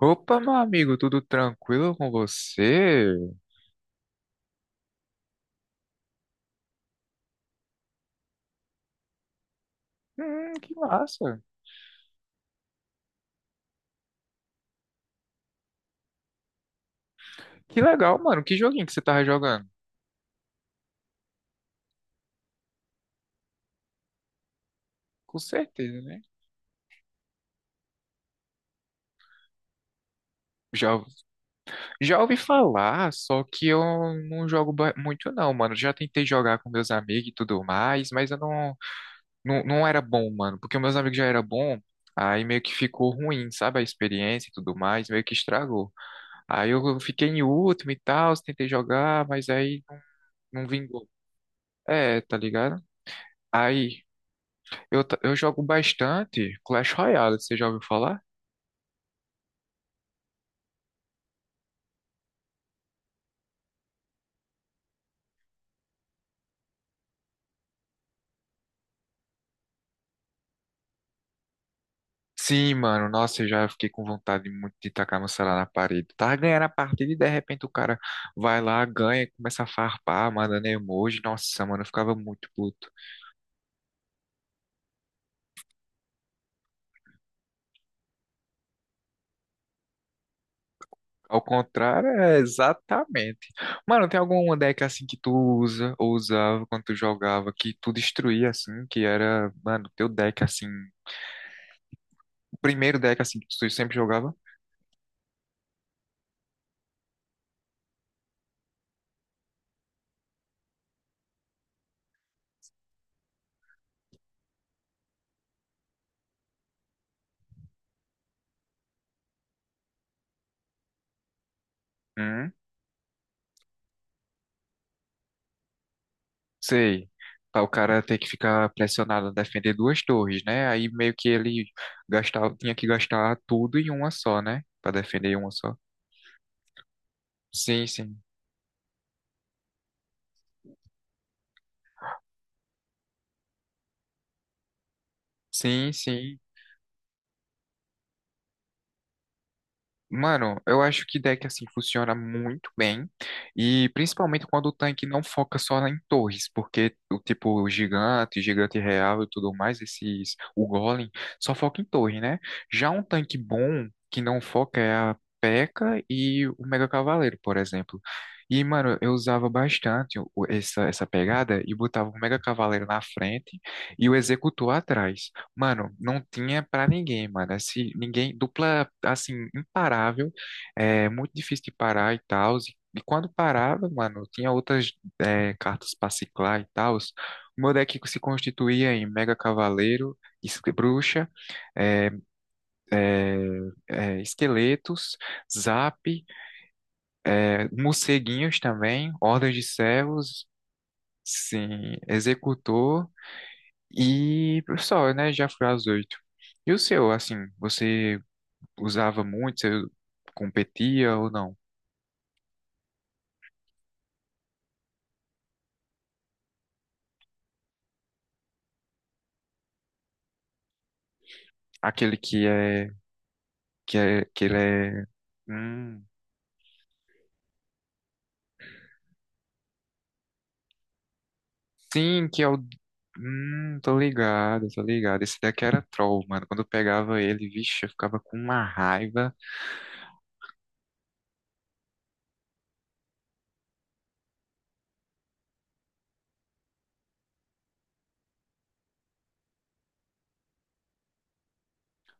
Opa, meu amigo, tudo tranquilo com você? Que massa. Que legal, mano. Que joguinho que você tava jogando? Com certeza, né? Já, já ouvi falar, só que eu não jogo muito não, mano. Já tentei jogar com meus amigos e tudo mais, mas eu não era bom, mano. Porque meus amigos já eram bom, aí meio que ficou ruim, sabe? A experiência e tudo mais, meio que estragou. Aí eu fiquei em último e tal, tentei jogar, mas aí não vingou. É, tá ligado? Aí Eu jogo bastante Clash Royale, você já ouviu falar? Sim, mano, nossa, eu já fiquei com vontade muito de tacar meu celular na parede. Tava ganhando a partida e de repente o cara vai lá, ganha, começa a farpar, mandando emoji. Nossa, mano, eu ficava muito puto. Ao contrário, é exatamente. Mano, tem alguma deck assim que tu usa ou usava quando tu jogava que tu destruía assim, que era, mano, teu deck assim, o primeiro deck assim que tu sempre jogava? Hum? Sei. Pra o cara ter que ficar pressionado a defender duas torres, né? Aí meio que ele gastava, tinha que gastar tudo em uma só, né? Pra defender uma só. Sim, sim. Sim, sim. Mano, eu acho que deck assim funciona muito bem, e principalmente quando o tanque não foca só em torres, porque o tipo o gigante, gigante real e tudo mais, esses o golem só foca em torre, né? Já um tanque bom que não foca é a P.E.K.K.A. e K K A e o Mega Cavaleiro, por exemplo. E mano, eu usava bastante essa pegada e botava o Mega Cavaleiro na frente e o Executor atrás. Mano, não tinha pra ninguém, mano. Esse, ninguém, dupla, assim, imparável, é muito difícil de parar e tal. E quando parava, mano, tinha outras cartas pra ciclar e tal. O meu deck se constituía em Mega Cavaleiro, Bruxa, é, é, Esqueletos, Zap, Morceguinhos também, Ordens de Servos, sim, Executor e só, né? Já fui às oito. E o seu, assim, você usava muito? Você competia ou não? Aquele que é, que ele é, hum, sim, que é o, tô ligado, tô ligado. Esse daqui era troll, mano. Quando eu pegava ele, vixe, eu ficava com uma raiva.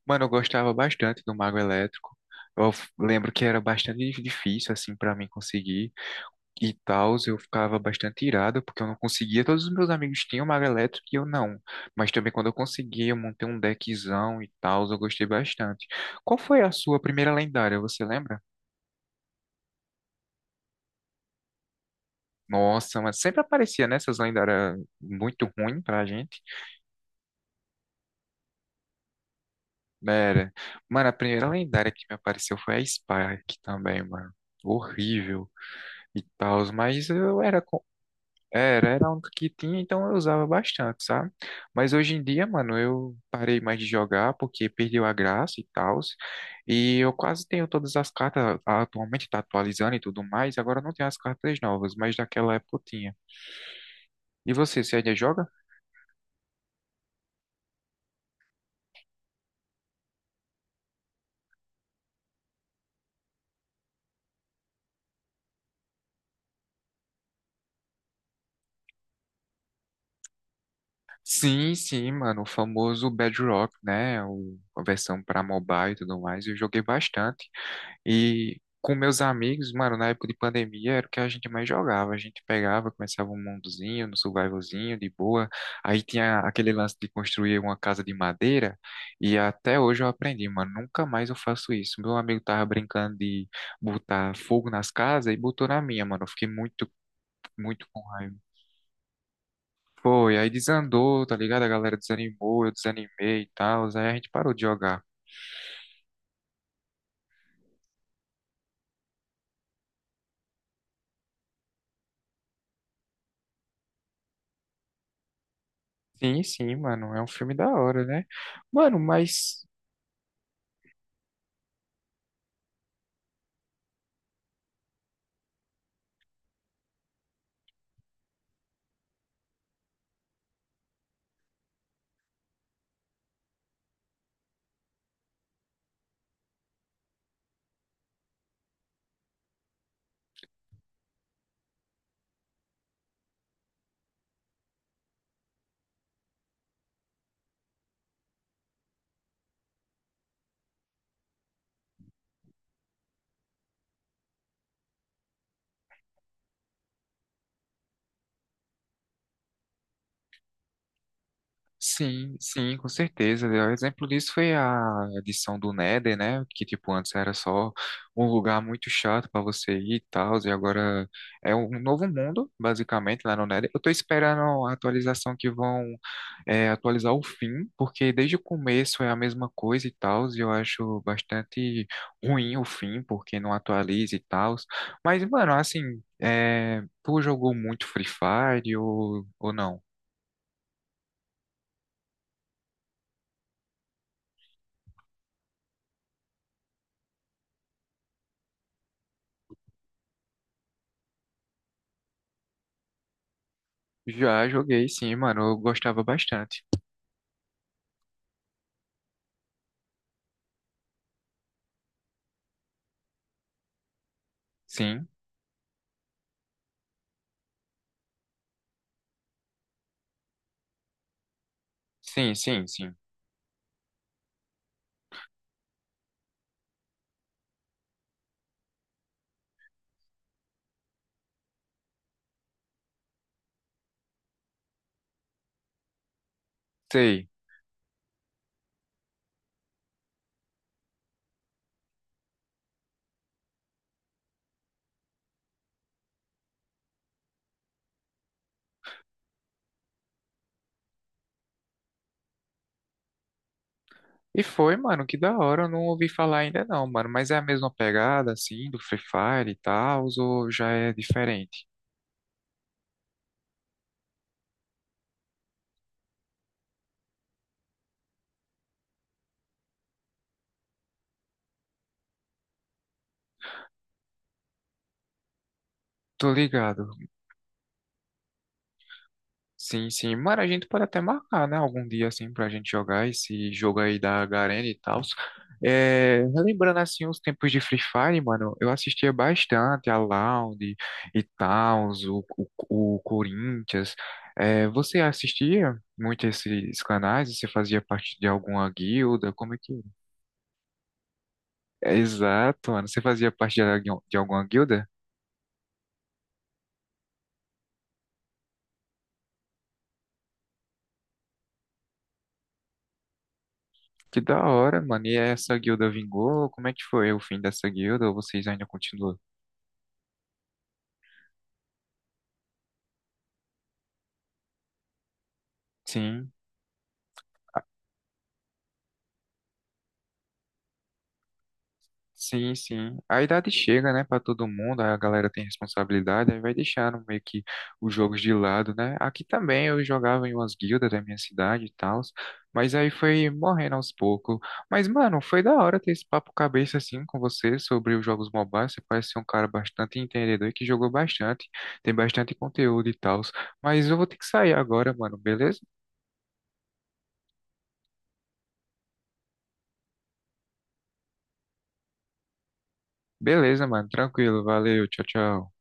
Mano, eu gostava bastante do Mago Elétrico. Eu lembro que era bastante difícil, assim, pra mim conseguir. E tal, eu ficava bastante irado, porque eu não conseguia. Todos os meus amigos tinham mago elétrico e eu não. Mas também quando eu consegui, eu montei um deckzão e tal, eu gostei bastante. Qual foi a sua primeira lendária, você lembra? Nossa, mas sempre aparecia né essas lendárias muito ruim pra gente. Era. Mano, a primeira lendária que me apareceu foi a Spark também, mano. Horrível e tal, mas eu era. Era, era um que tinha, então eu usava bastante, sabe? Mas hoje em dia, mano, eu parei mais de jogar porque perdeu a graça e tal. E eu quase tenho todas as cartas, atualmente tá atualizando e tudo mais, agora não tem as cartas novas, mas daquela época eu tinha. E você, você ainda joga? Sim, sim, mano, o famoso Bedrock, né? O, a versão para mobile e tudo mais, eu joguei bastante. E com meus amigos, mano, na época de pandemia era o que a gente mais jogava. A gente pegava, começava um mundozinho, no survivalzinho, de boa. Aí tinha aquele lance de construir uma casa de madeira. E até hoje eu aprendi, mano, nunca mais eu faço isso. Meu amigo tava brincando de botar fogo nas casas e botou na minha, mano. Eu fiquei muito, muito com raiva. Foi, aí desandou, tá ligado? A galera desanimou, eu desanimei e tal. Aí a gente parou de jogar. Sim, sim, mano, é um filme da hora, né? Mano, mas sim, sim, com certeza. O exemplo disso foi a edição do Nether, né? Que, tipo, antes era só um lugar muito chato pra você ir e tal, e agora é um novo mundo, basicamente, lá no Nether. Eu tô esperando a atualização que vão atualizar o fim, porque desde o começo é a mesma coisa e tal, e eu acho bastante ruim o fim, porque não atualiza e tal. Mas, mano, assim, tu jogou muito Free Fire ou não? Já joguei, sim, mano. Eu gostava bastante. Sim, sim, sim, sim. Sei. E foi, mano, que da hora. Eu não ouvi falar ainda não, mano. Mas é a mesma pegada, assim, do Free Fire e tal, ou já é diferente? Tô ligado. Sim, sim. Mano, a gente pode até marcar, né? Algum dia, assim, pra gente jogar esse jogo aí da Garena e tal. É, relembrando, assim, os tempos de Free Fire, mano, eu assistia bastante a Loud e tal, o Corinthians. É, você assistia muito esses canais? Você fazia parte de alguma guilda? Como é que... É, exato, mano. Você fazia parte de, de alguma guilda? Que da hora, mano. E essa guilda vingou? Como é que foi o fim dessa guilda? Ou vocês ainda continuam? Sim. Sim, sim. A idade chega, né, para todo mundo, a galera tem responsabilidade, aí vai deixando meio que os jogos de lado, né? Aqui também eu jogava em umas guildas da minha cidade e tal, mas aí foi morrendo aos poucos. Mas, mano, foi da hora ter esse papo cabeça assim com você sobre os jogos mobiles. Você parece ser um cara bastante entendedor e que jogou bastante, tem bastante conteúdo e tal. Mas eu vou ter que sair agora, mano, beleza? Beleza, mano, tranquilo, valeu, tchau, tchau.